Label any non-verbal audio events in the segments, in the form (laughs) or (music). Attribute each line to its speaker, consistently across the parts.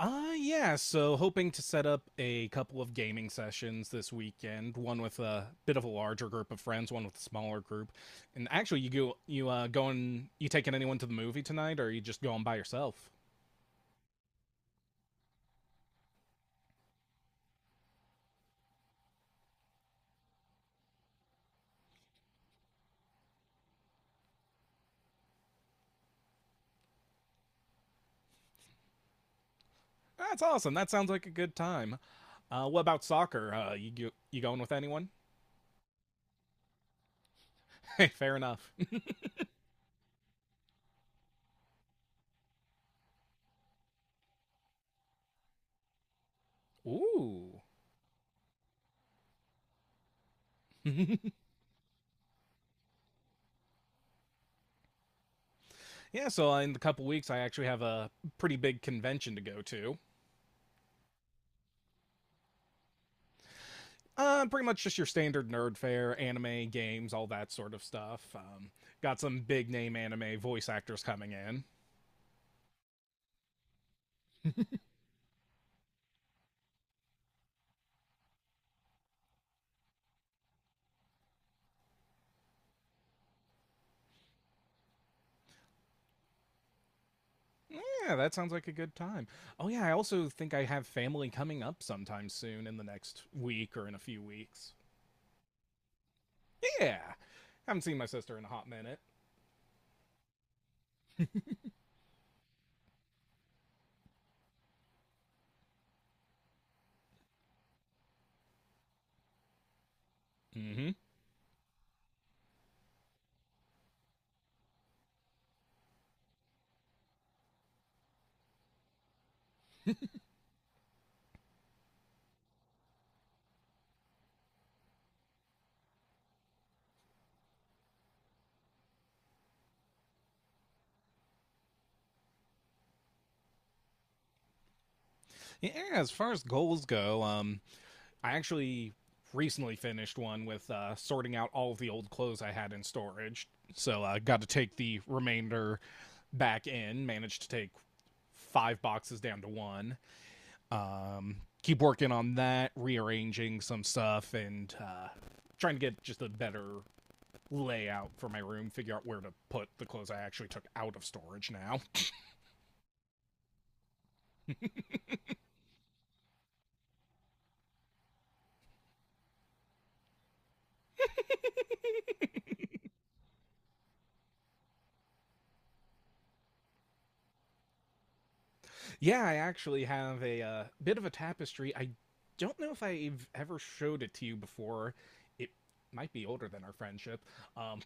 Speaker 1: Yeah, so hoping to set up a couple of gaming sessions this weekend, one with a bit of a larger group of friends, one with a smaller group. And actually you go you going you taking anyone to the movie tonight, or are you just going by yourself? That's awesome. That sounds like a good time. What about soccer? You going with anyone? Hey, (laughs) fair enough. (laughs) Ooh. (laughs) Yeah, so in a couple weeks I actually have a pretty big convention to go to. Pretty much just your standard nerd fare, anime, games, all that sort of stuff. Got some big name anime voice actors coming in. Yeah, that sounds like a good time. Oh, yeah, I also think I have family coming up sometime soon in the next week or in a few weeks. Yeah, haven't seen my sister in a hot minute. Mm-hmm. Yeah, as far as goals go, I actually recently finished one with sorting out all of the old clothes I had in storage. So I got to take the remainder back in, managed to take five boxes down to one. Um, Keep working on that, rearranging some stuff, and trying to get just a better layout for my room, figure out where to put the clothes I actually took out of storage now. Yeah, I actually have a bit of a tapestry. I don't know if I've ever showed it to you before. It might be older than our friendship. Um,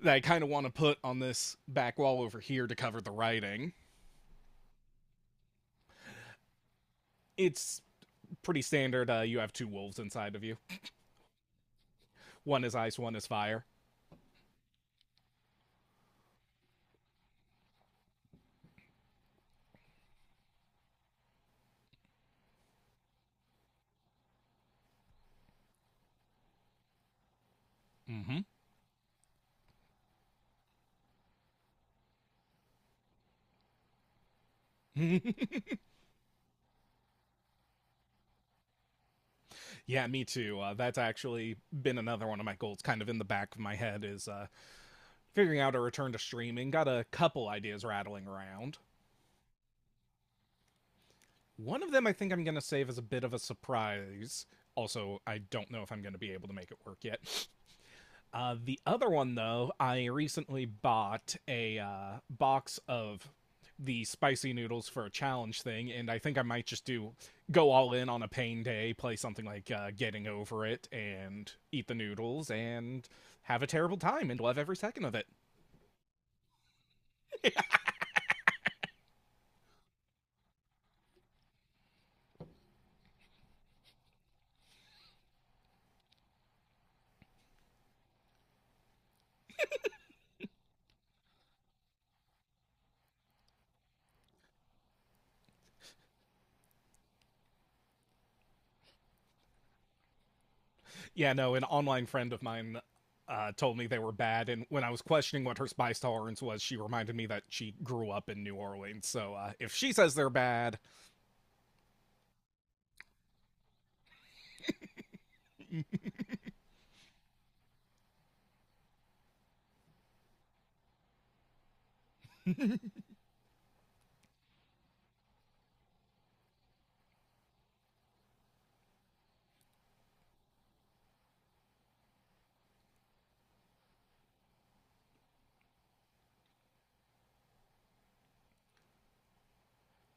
Speaker 1: that I kind of want to put on this back wall over here to cover the writing. It's pretty standard. You have two wolves inside of you. One is ice, one is fire. Mm-hmm. (laughs) Yeah, me too. That's actually been another one of my goals, kind of in the back of my head, is figuring out a return to streaming. Got a couple ideas rattling around. One of them I think I'm going to save as a bit of a surprise. Also, I don't know if I'm going to be able to make it work yet. The other one, though, I recently bought a box of the spicy noodles for a challenge thing, and I think I might just do go all in on a pain day, play something like Getting Over It, and eat the noodles and have a terrible time and love every second of it. Yeah, no, an online friend of mine told me they were bad, and when I was questioning what her spice tolerance was, she reminded me that she grew up in New Orleans. So if she says they're bad,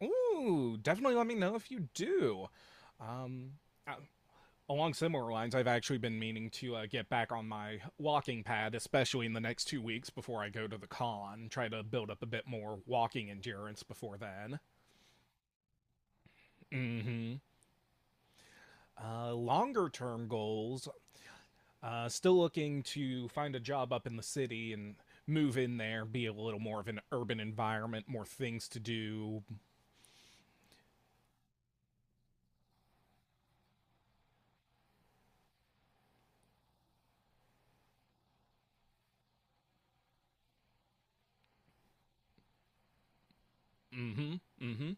Speaker 1: ooh, definitely let me know if you do. Um, uh, Along similar lines, I've actually been meaning to get back on my walking pad, especially in the next 2 weeks before I go to the con. Try to build up a bit more walking endurance before then. Mm-hmm. Longer term goals. Still looking to find a job up in the city and move in there, be a little more of an urban environment, more things to do. Mm-hmm. Mm-hmm.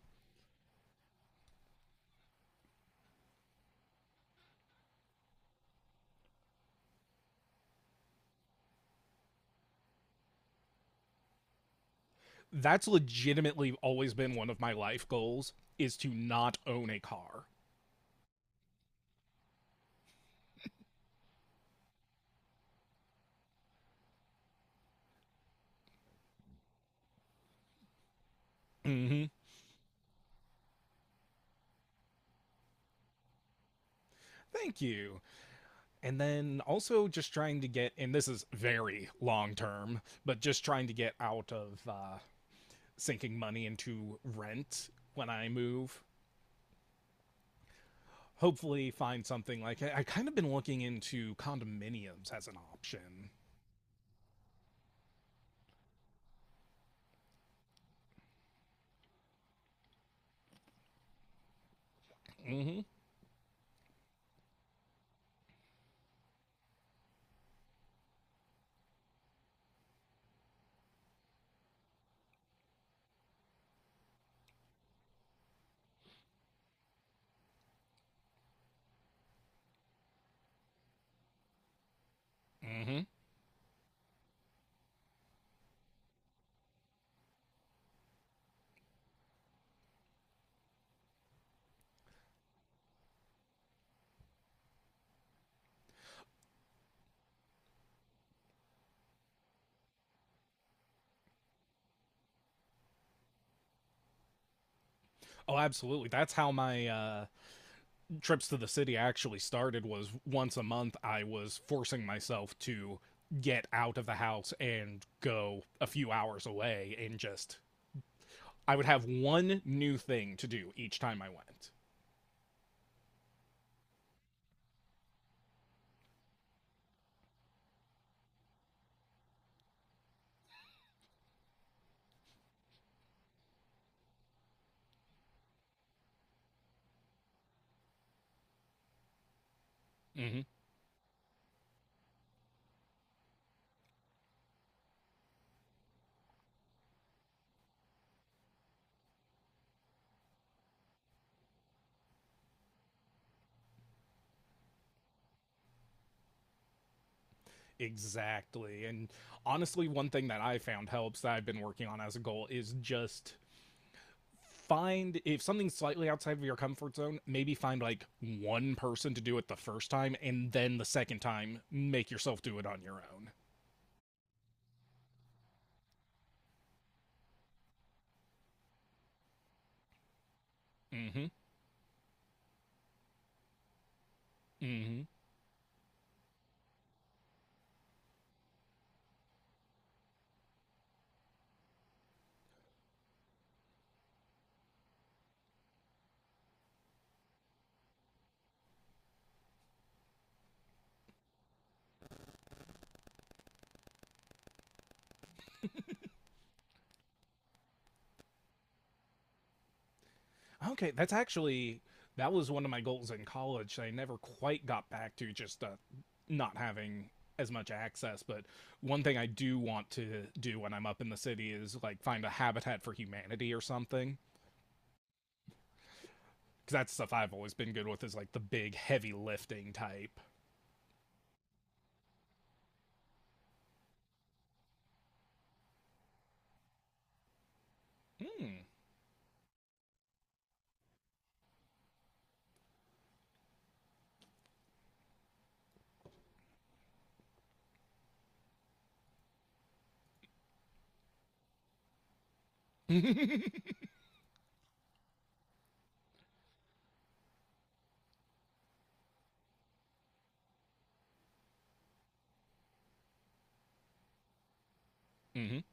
Speaker 1: That's legitimately always been one of my life goals is to not own a car. Mm-hmm. Thank you. And then also just trying to get, and this is very long term, but just trying to get out of sinking money into rent when I move. Hopefully find something like I kind of been looking into condominiums as an option. Hmm. Hmm. Oh, absolutely. That's how my trips to the city actually started. Was once a month I was forcing myself to get out of the house and go a few hours away, and just I would have one new thing to do each time I went. Hmm. Exactly. And honestly, one thing that I found helps that I've been working on as a goal is just find if something's slightly outside of your comfort zone, maybe find like one person to do it the first time, and then the second time, make yourself do it on your own. Mm-hmm. Mm-hmm. Okay, that's actually that was one of my goals in college that I never quite got back to, just not having as much access. But one thing I do want to do when I'm up in the city is like find a Habitat for Humanity or something, because that's stuff I've always been good with is like the big heavy lifting type. Hmm. (laughs) Mm-hmm.